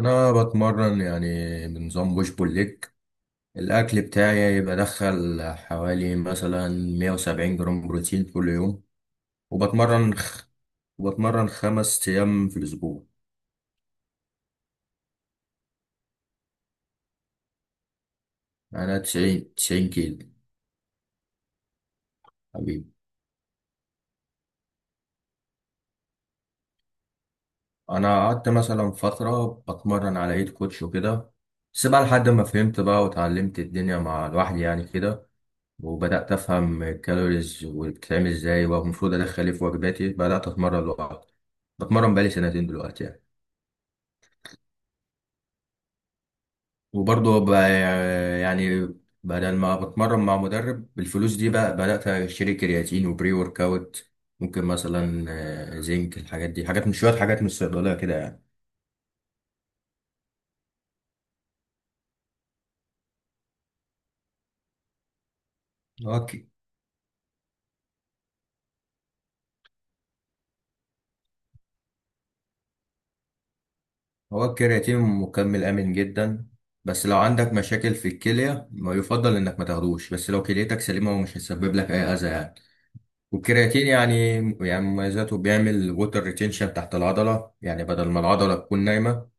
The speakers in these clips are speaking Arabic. انا بتمرن يعني بنظام بوش بول ليج. الاكل بتاعي بدخل حوالي مثلا 170 جرام بروتين كل يوم. وبتمرن خ... وبتمرن خمس ايام في الاسبوع. انا 90 كيلو حبيبي. انا قعدت مثلا فتره بتمرن على ايد كوتش وكده، بس بقى لحد ما فهمت بقى وتعلمت الدنيا مع لوحدي يعني كده. وبدأت أفهم الكالوريز وبتتعمل إزاي والمفروض أدخل إيه في وجباتي، بدأت أتمرن لوحدي. بتمرن بقالي سنتين دلوقتي يعني. وبرضه ب- يعني بدل ما بتمرن مع مدرب بالفلوس دي بقى بدأت أشتري كرياتين وبري ورك أوت. ممكن مثلا زنك، الحاجات دي حاجات من شوية، حاجات من الصيدلية كده يعني. هو الك- هو الكرياتين مكمل آمن جدا، بس لو عندك مشاكل في الكلية ما يفضل إنك ما تاخدوش، بس لو كليتك سليمة ومش هيسبب لك أي أذى يعني. والكرياتين يعني مميزاته بيعمل ووتر ريتينشن تحت العضلة، يعني بدل ما العضلة تكون نايمة،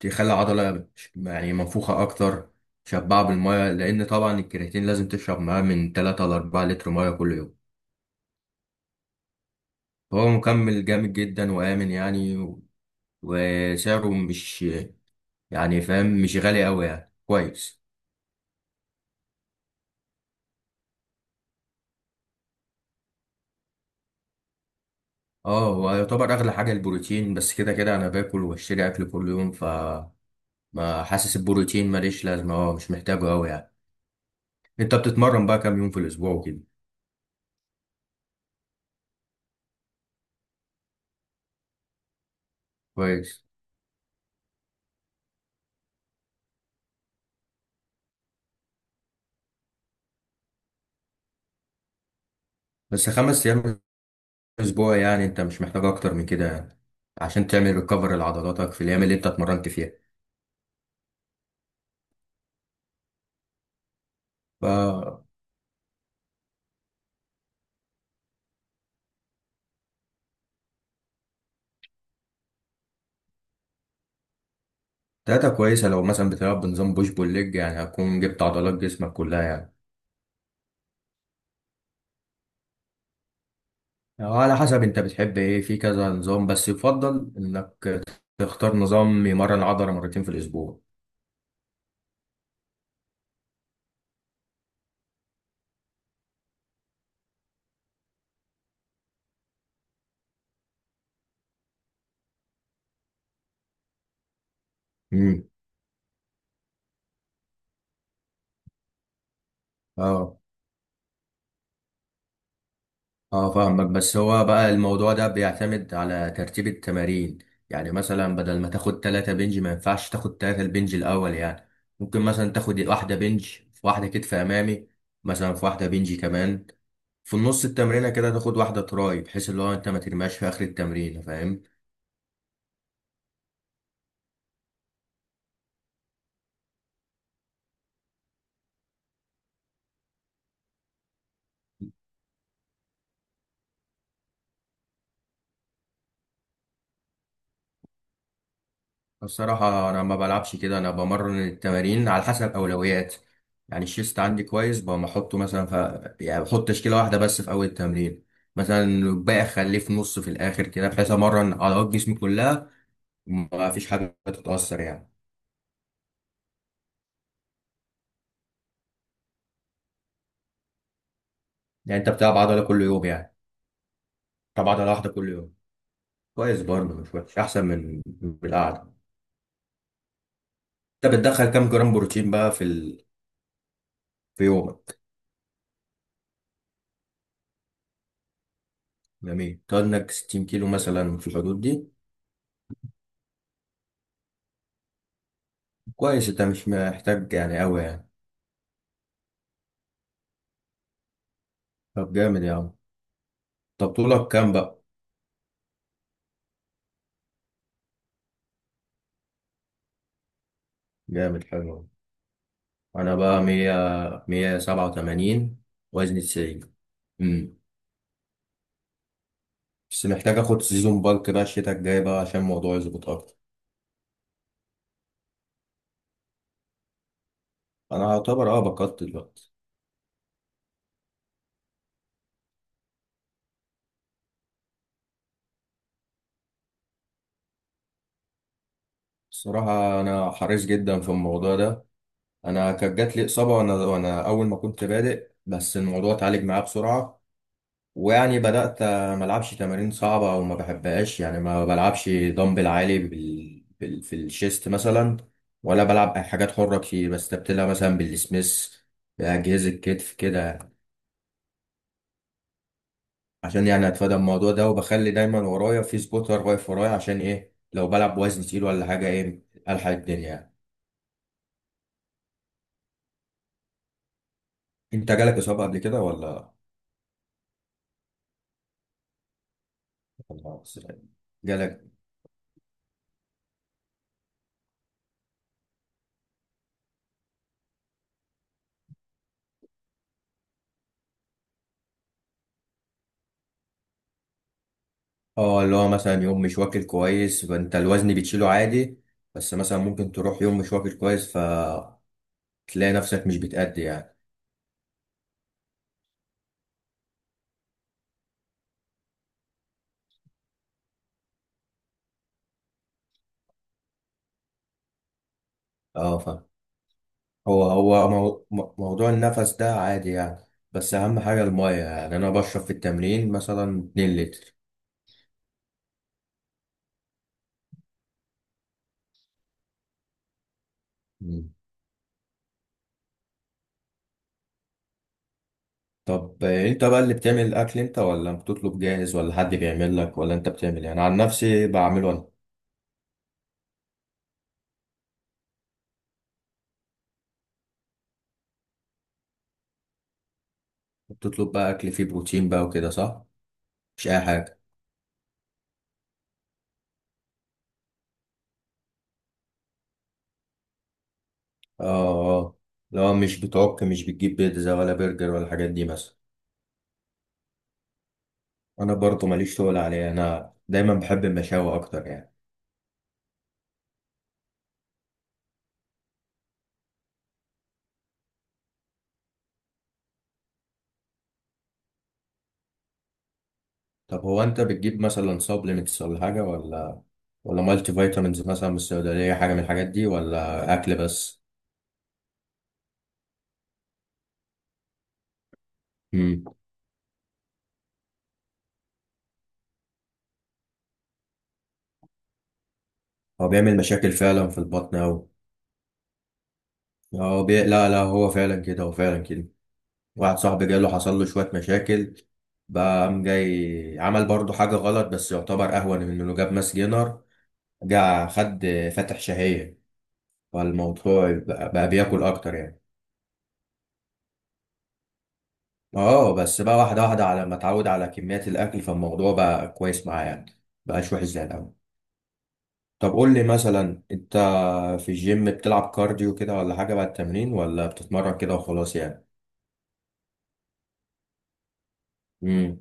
تخلي العضلة يعني منفوخة أكتر، شبعة بالمية. لأن طبعا الكرياتين لازم تشرب معاه من 3 ل 4 لتر مية كل يوم. هو مكمل جامد جدا وآمن يعني وسعره مش، يعني فاهم، مش غالي أوي يعني كويس. اه، هو يعتبر أغلى حاجة البروتين، بس كده كده أنا باكل وبشتري أكل كل يوم، ف ما حاسس البروتين ماليش لازمة، اه مش محتاجه أوي يعني. أنت بتتمرن بقى كام يوم في الأسبوع وكده؟ كويس. بس خمس أيام اسبوع يعني انت مش محتاج اكتر من كده يعني، عشان تعمل ريكفر لعضلاتك في الايام اللي انت اتمرنت فيها، ف داتا كويسه. لو مثلا بتلعب بنظام بوش بول ليج يعني هتكون جبت عضلات جسمك كلها يعني. أو على حسب انت بتحب ايه في كذا نظام، بس يفضل انك تختار نظام يمرن العضله مرتين في الاسبوع. امم. اه، اه، فاهمك، بس هو بقى الموضوع ده بيعتمد على ترتيب التمارين. يعني مثلا بدل ما تاخد تلاتة بنج، ما ينفعش تاخد تلاتة البنج الأول يعني. ممكن مثلا تاخد واحدة بنج، في واحدة كتف أمامي، مثلا في واحدة بنج كمان، في النص التمرينة كده تاخد واحدة تراي، بحيث اللي هو انت ما ترماش في آخر التمرين. فاهم؟ الصراحة أنا ما بلعبش كده، أنا بمرن التمارين على حسب أولويات. يعني الشيست عندي كويس، بقوم أحطه مثلا يعني بحط تشكيلة واحدة بس في أول التمرين، مثلا الباقي أخليه في نص، في الآخر كده بحيث أمرن عضلات جسمي كلها، وما فيش حاجة تتأثر يعني. يعني أنت بتلعب عضلة كل يوم يعني، بتلعب عضلة واحدة كل يوم؟ كويس برضه، مش وحش، أحسن من القعدة. أنت بتدخل كام جرام بروتين بقى في في يومك؟ جميل. تقعد إنك 60 كيلو مثلا في الحدود دي؟ كويس، أنت مش محتاج يعني أوي يعني. طب جامد يا عم. طب طولك كام بقى؟ جامد حلو. انا بقى مية سبعة وتمانين، وزني تسعين. امم. بس محتاج اخد سيزون، بالك بقى الشتاء الجاي بقى عشان الموضوع يظبط اكتر. انا اعتبر بقدت دلوقتي. الصراحة انا حريص جدا في الموضوع ده. انا كانت جات لي اصابة وانا اول ما كنت بادئ، بس الموضوع اتعالج معايا بسرعة. ويعني بدأت ما ألعبش تمارين صعبة أو ما بحبهاش، يعني ما بلعبش دمبل عالي في الشيست مثلا، ولا بلعب أي حاجات حرة كتير، بستبدلها مثلا بالسميث، بأجهزة كتف كده، عشان يعني أتفادى الموضوع ده. وبخلي دايما ورايا في سبوتر واقف ورايا، عشان إيه لو بلعب وزن تقيل ولا حاجة إيه، ألحق الدنيا يعني. أنت جالك إصابة قبل كده ولا؟ ولا جالك؟ اه، اللي هو مثلا يوم مش واكل كويس فانت الوزن بتشيله عادي، بس مثلا ممكن تروح يوم مش واكل كويس فتلاقي نفسك مش بتأدي يعني. اه فاهم. موضوع النفس ده عادي يعني، بس اهم حاجة المية، يعني انا بشرب في التمرين مثلا 2 لتر. مم. طب انت بقى اللي بتعمل الاكل انت، ولا بتطلب جاهز ولا حد بيعمل لك، ولا انت بتعمل يعني؟ عن نفسي بعمله انا. بتطلب بقى اكل فيه بروتين بقى وكده، صح؟ مش اي حاجة. اه. آه. لو مش بتعك، مش بتجيب بيتزا ولا برجر ولا الحاجات دي مثلا؟ انا برضو ماليش، تقول عليها انا دايما بحب المشاوي اكتر يعني. طب هو انت بتجيب مثلا سبلمنتس ولا حاجه، ولا مالتي فيتامينز مثلا من الصيدليه، حاجه من الحاجات دي ولا اكل بس؟ امم. هو بيعمل مشاكل فعلا في البطن اوي. لا لا، هو فعلا كده، هو فعلا كده. واحد صاحبي جاله، حصل له شويه مشاكل، بقى قام جاي عمل برضو حاجه غلط، بس يعتبر اهون من انه جاب ماس جينر. جه خد فاتح شهية، فالموضوع بقى بياكل أكتر يعني. اه بس بقى، واحدة واحدة، على ما اتعود على كميات الأكل فالموضوع بقى كويس معاه يعني، مبقاش وحش زي الأول. طب قول لي مثلا أنت، في الجيم بتلعب كارديو كده ولا حاجة بعد التمرين، ولا بتتمرن كده وخلاص يعني؟ امم.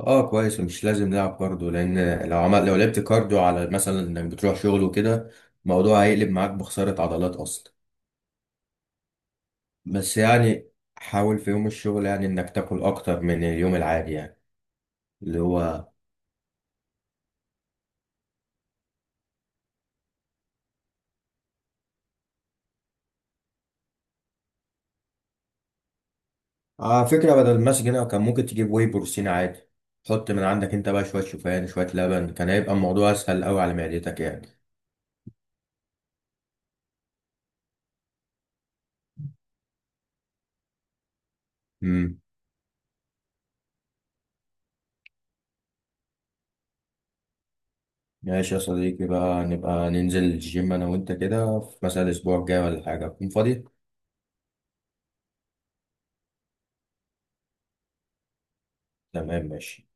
اه كويس، مش لازم نلعب كارديو، لأن لو لعبت كارديو على مثلا إنك بتروح شغل وكده، الموضوع هيقلب معاك بخسارة عضلات أصلا. بس يعني حاول في يوم الشغل يعني انك تاكل اكتر من اليوم العادي يعني، اللي هو على فكرة، بدل المسج هنا كان ممكن تجيب واي بروتين عادي، حط من عندك انت بقى شوية شوفان، شوية لبن، كان هيبقى الموضوع اسهل قوي على معدتك يعني. امم. ماشي يا صديقي، بقى نبقى ننزل الجيم انا وانت كده في مثلا الاسبوع الجاي ولا حاجة، تكون فاضي. تمام ماشي.